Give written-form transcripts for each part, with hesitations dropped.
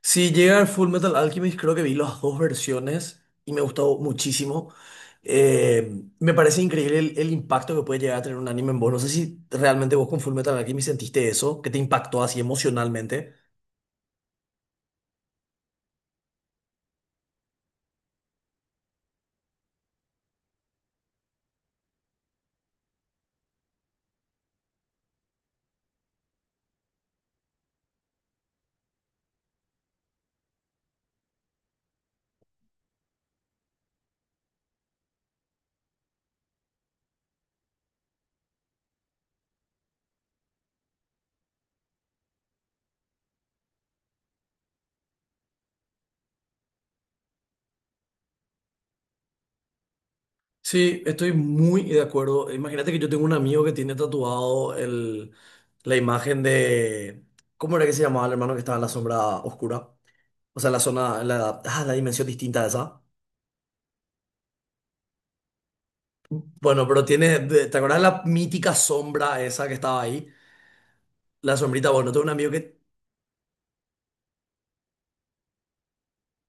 Si llega el Full Metal Alchemist, creo que vi las dos versiones y me gustó muchísimo. Me parece increíble el impacto que puede llegar a tener un anime en vos. No sé si realmente vos con Full Metal Alchemist sentiste eso, que te impactó así emocionalmente. Sí, estoy muy de acuerdo. Imagínate que yo tengo un amigo que tiene tatuado el, la imagen de... ¿Cómo era que se llamaba el hermano que estaba en la sombra oscura? O sea, la zona, la, ah, la dimensión distinta de esa. Bueno, pero tiene, ¿te acuerdas de la mítica sombra esa que estaba ahí? La sombrita, bueno, tengo un amigo que...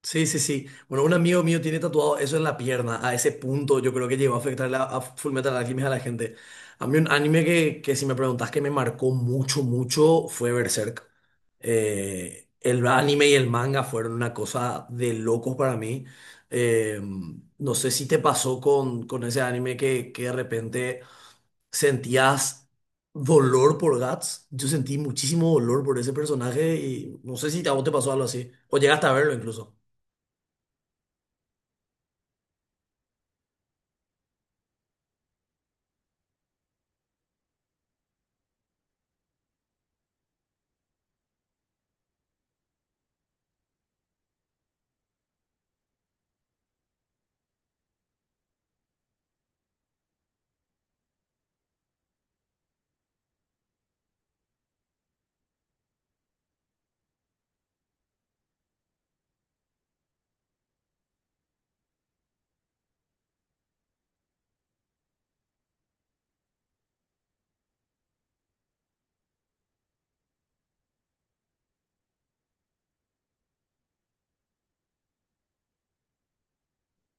Sí, sí, sí. Bueno, un amigo mío tiene tatuado eso en la pierna. A ese punto yo creo que llegó a afectar a Fullmetal Alchemist a la gente. A mí un anime que si me preguntas que me marcó mucho, mucho fue Berserk. El anime y el manga fueron una cosa de locos para mí. Eh, no sé si te pasó con ese anime que de repente ¿sentías dolor por Guts? Yo sentí muchísimo dolor por ese personaje y no sé si a vos te pasó algo así. O llegaste a verlo incluso.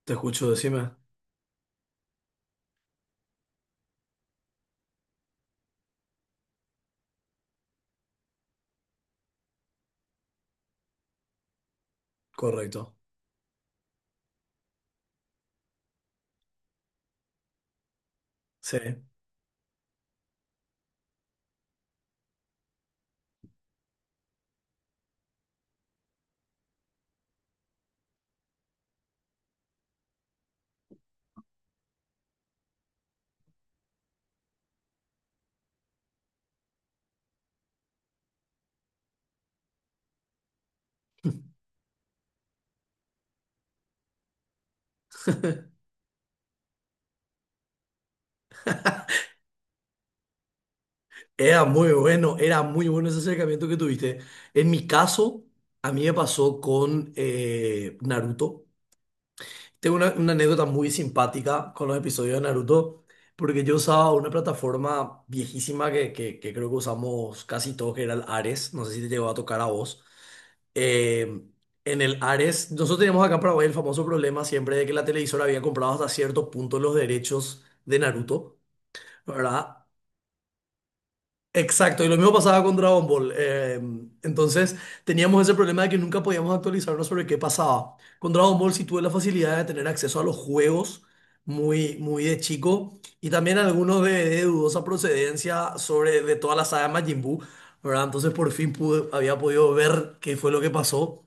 Te escucho, decime. Correcto. Sí. Era muy bueno ese acercamiento que tuviste. En mi caso, a mí me pasó con Naruto. Tengo una anécdota muy simpática con los episodios de Naruto, porque yo usaba una plataforma viejísima que creo que usamos casi todos, que era el Ares. No sé si te llegó a tocar a vos. Eh, en el Ares, nosotros teníamos acá en Paraguay el famoso problema siempre de que la televisora había comprado hasta cierto punto los derechos de Naruto, ¿verdad? Exacto, y lo mismo pasaba con Dragon Ball. Entonces teníamos ese problema de que nunca podíamos actualizarnos sobre qué pasaba. Con Dragon Ball sí tuve la facilidad de tener acceso a los juegos muy, muy de chico y también algunos de dudosa procedencia sobre de toda la saga Majin Buu, ¿verdad? Entonces por fin pude, había podido ver qué fue lo que pasó.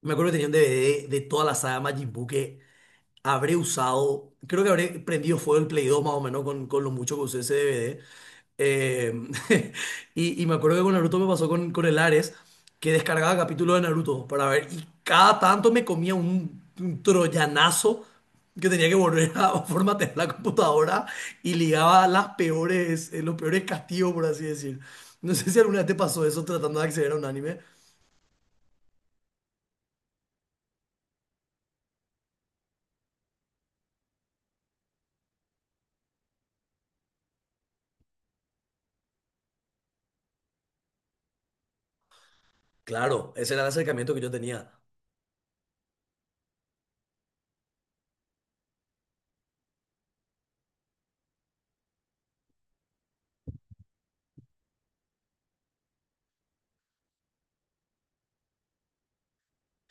Me acuerdo que tenía un DVD de toda la saga Majin Buu que habré usado. Creo que habré prendido fuego el Play 2 más o menos con lo mucho que usé ese DVD. Eh, y me acuerdo que con Naruto me pasó con el Ares, que descargaba capítulos de Naruto para ver. Y cada tanto me comía un troyanazo que tenía que volver a formatear la computadora y ligaba las peores, los peores castigos, por así decir. No sé si alguna vez te pasó eso tratando de acceder a un anime. Claro, ese era el acercamiento que yo tenía.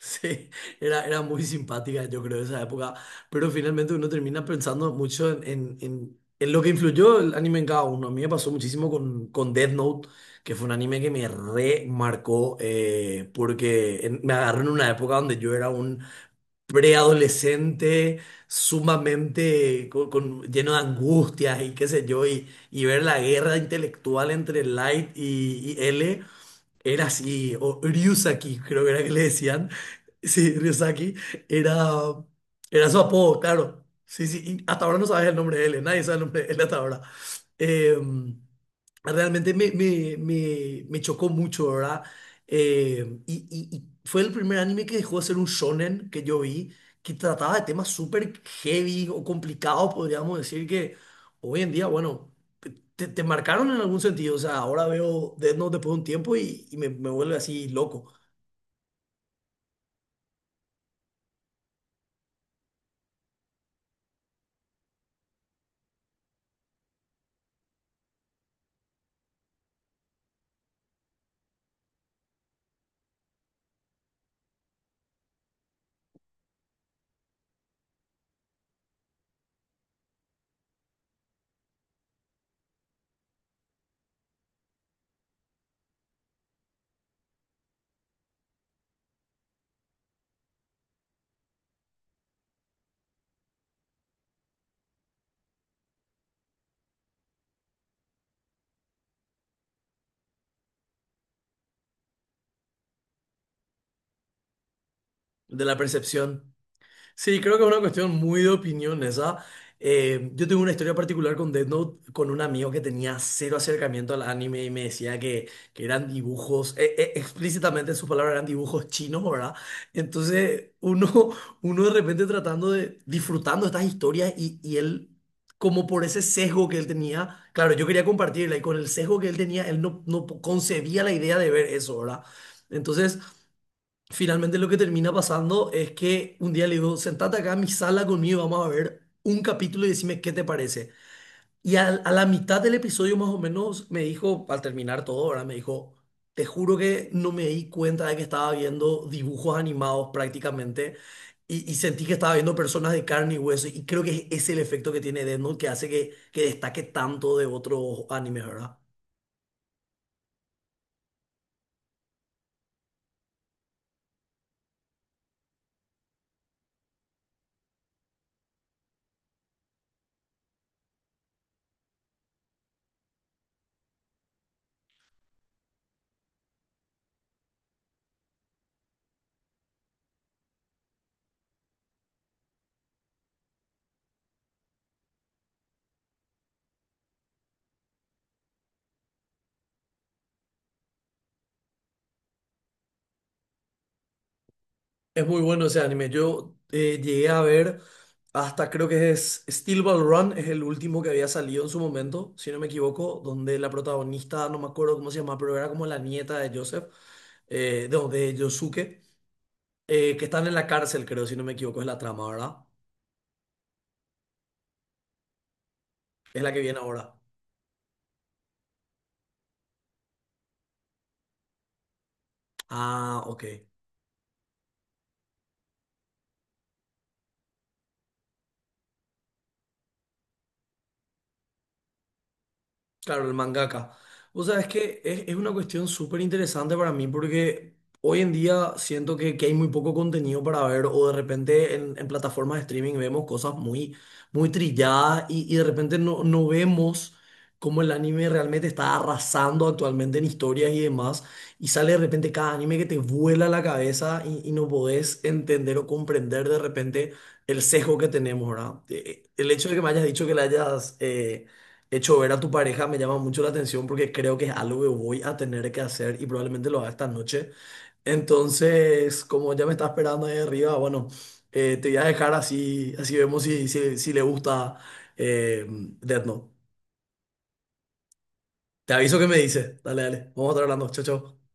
Sí, era, era muy simpática, yo creo, esa época. Pero finalmente uno termina pensando mucho en, en lo que influyó el anime en cada uno. A mí me pasó muchísimo con Death Note, que fue un anime que me remarcó, porque me agarró en una época donde yo era un preadolescente sumamente lleno de angustias y qué sé yo, y ver la guerra intelectual entre Light y L. Era así, o Ryusaki, creo que era que le decían. Sí, Ryusaki. Era, era su apodo, claro. Sí, sí, y hasta ahora no sabes el nombre de él, nadie sabe el nombre de él hasta ahora. Eh, Realmente me, me chocó mucho, ¿verdad? Y, y fue el primer anime que dejó de ser un shonen que yo vi, que trataba de temas súper heavy o complicados, podríamos decir, que hoy en día, bueno, te marcaron en algún sentido. O sea, ahora veo Death Note después de un tiempo y me vuelve así loco de la percepción. Sí, creo que es una cuestión muy de opinión esa. Yo tengo una historia particular con Death Note, con un amigo que tenía cero acercamiento al anime y me decía que eran dibujos, explícitamente en sus palabras eran dibujos chinos, ¿verdad? Entonces uno, uno de repente tratando de, disfrutando estas historias y él, como por ese sesgo que él tenía, claro, yo quería compartirla y con el sesgo que él tenía, él no, no concebía la idea de ver eso, ¿verdad? Entonces... Finalmente lo que termina pasando es que un día le digo, sentate acá en mi sala conmigo, vamos a ver un capítulo y decime qué te parece. Y a, la mitad del episodio más o menos me dijo, al terminar todo, ahora me dijo, te juro que no me di cuenta de que estaba viendo dibujos animados prácticamente y sentí que estaba viendo personas de carne y hueso y creo que es el efecto que tiene Death Note que hace que destaque tanto de otros animes, ¿verdad? Es muy bueno ese anime. Yo llegué a ver hasta creo que es Steel Ball Run, es el último que había salido en su momento, si no me equivoco, donde la protagonista, no me acuerdo cómo se llama, pero era como la nieta de Joseph, no, de Yosuke, que están en la cárcel, creo, si no me equivoco, es la trama, ¿verdad? Es la que viene ahora. Ah, ok. Claro, el mangaka. O sea, es que es una cuestión súper interesante para mí porque hoy en día siento que hay muy poco contenido para ver o de repente en plataformas de streaming vemos cosas muy, muy trilladas y de repente no, no vemos cómo el anime realmente está arrasando actualmente en historias y demás y sale de repente cada anime que te vuela la cabeza y no podés entender o comprender de repente el sesgo que tenemos, ¿verdad? El hecho de que me hayas dicho que le hayas... hecho ver a tu pareja me llama mucho la atención porque creo que es algo que voy a tener que hacer y probablemente lo haga esta noche. Entonces, como ya me está esperando ahí arriba, bueno, te voy a dejar así, así vemos si, si, si le gusta Death Note. Te aviso que me dice. Dale, dale. Vamos a estar hablando. Chao, chao.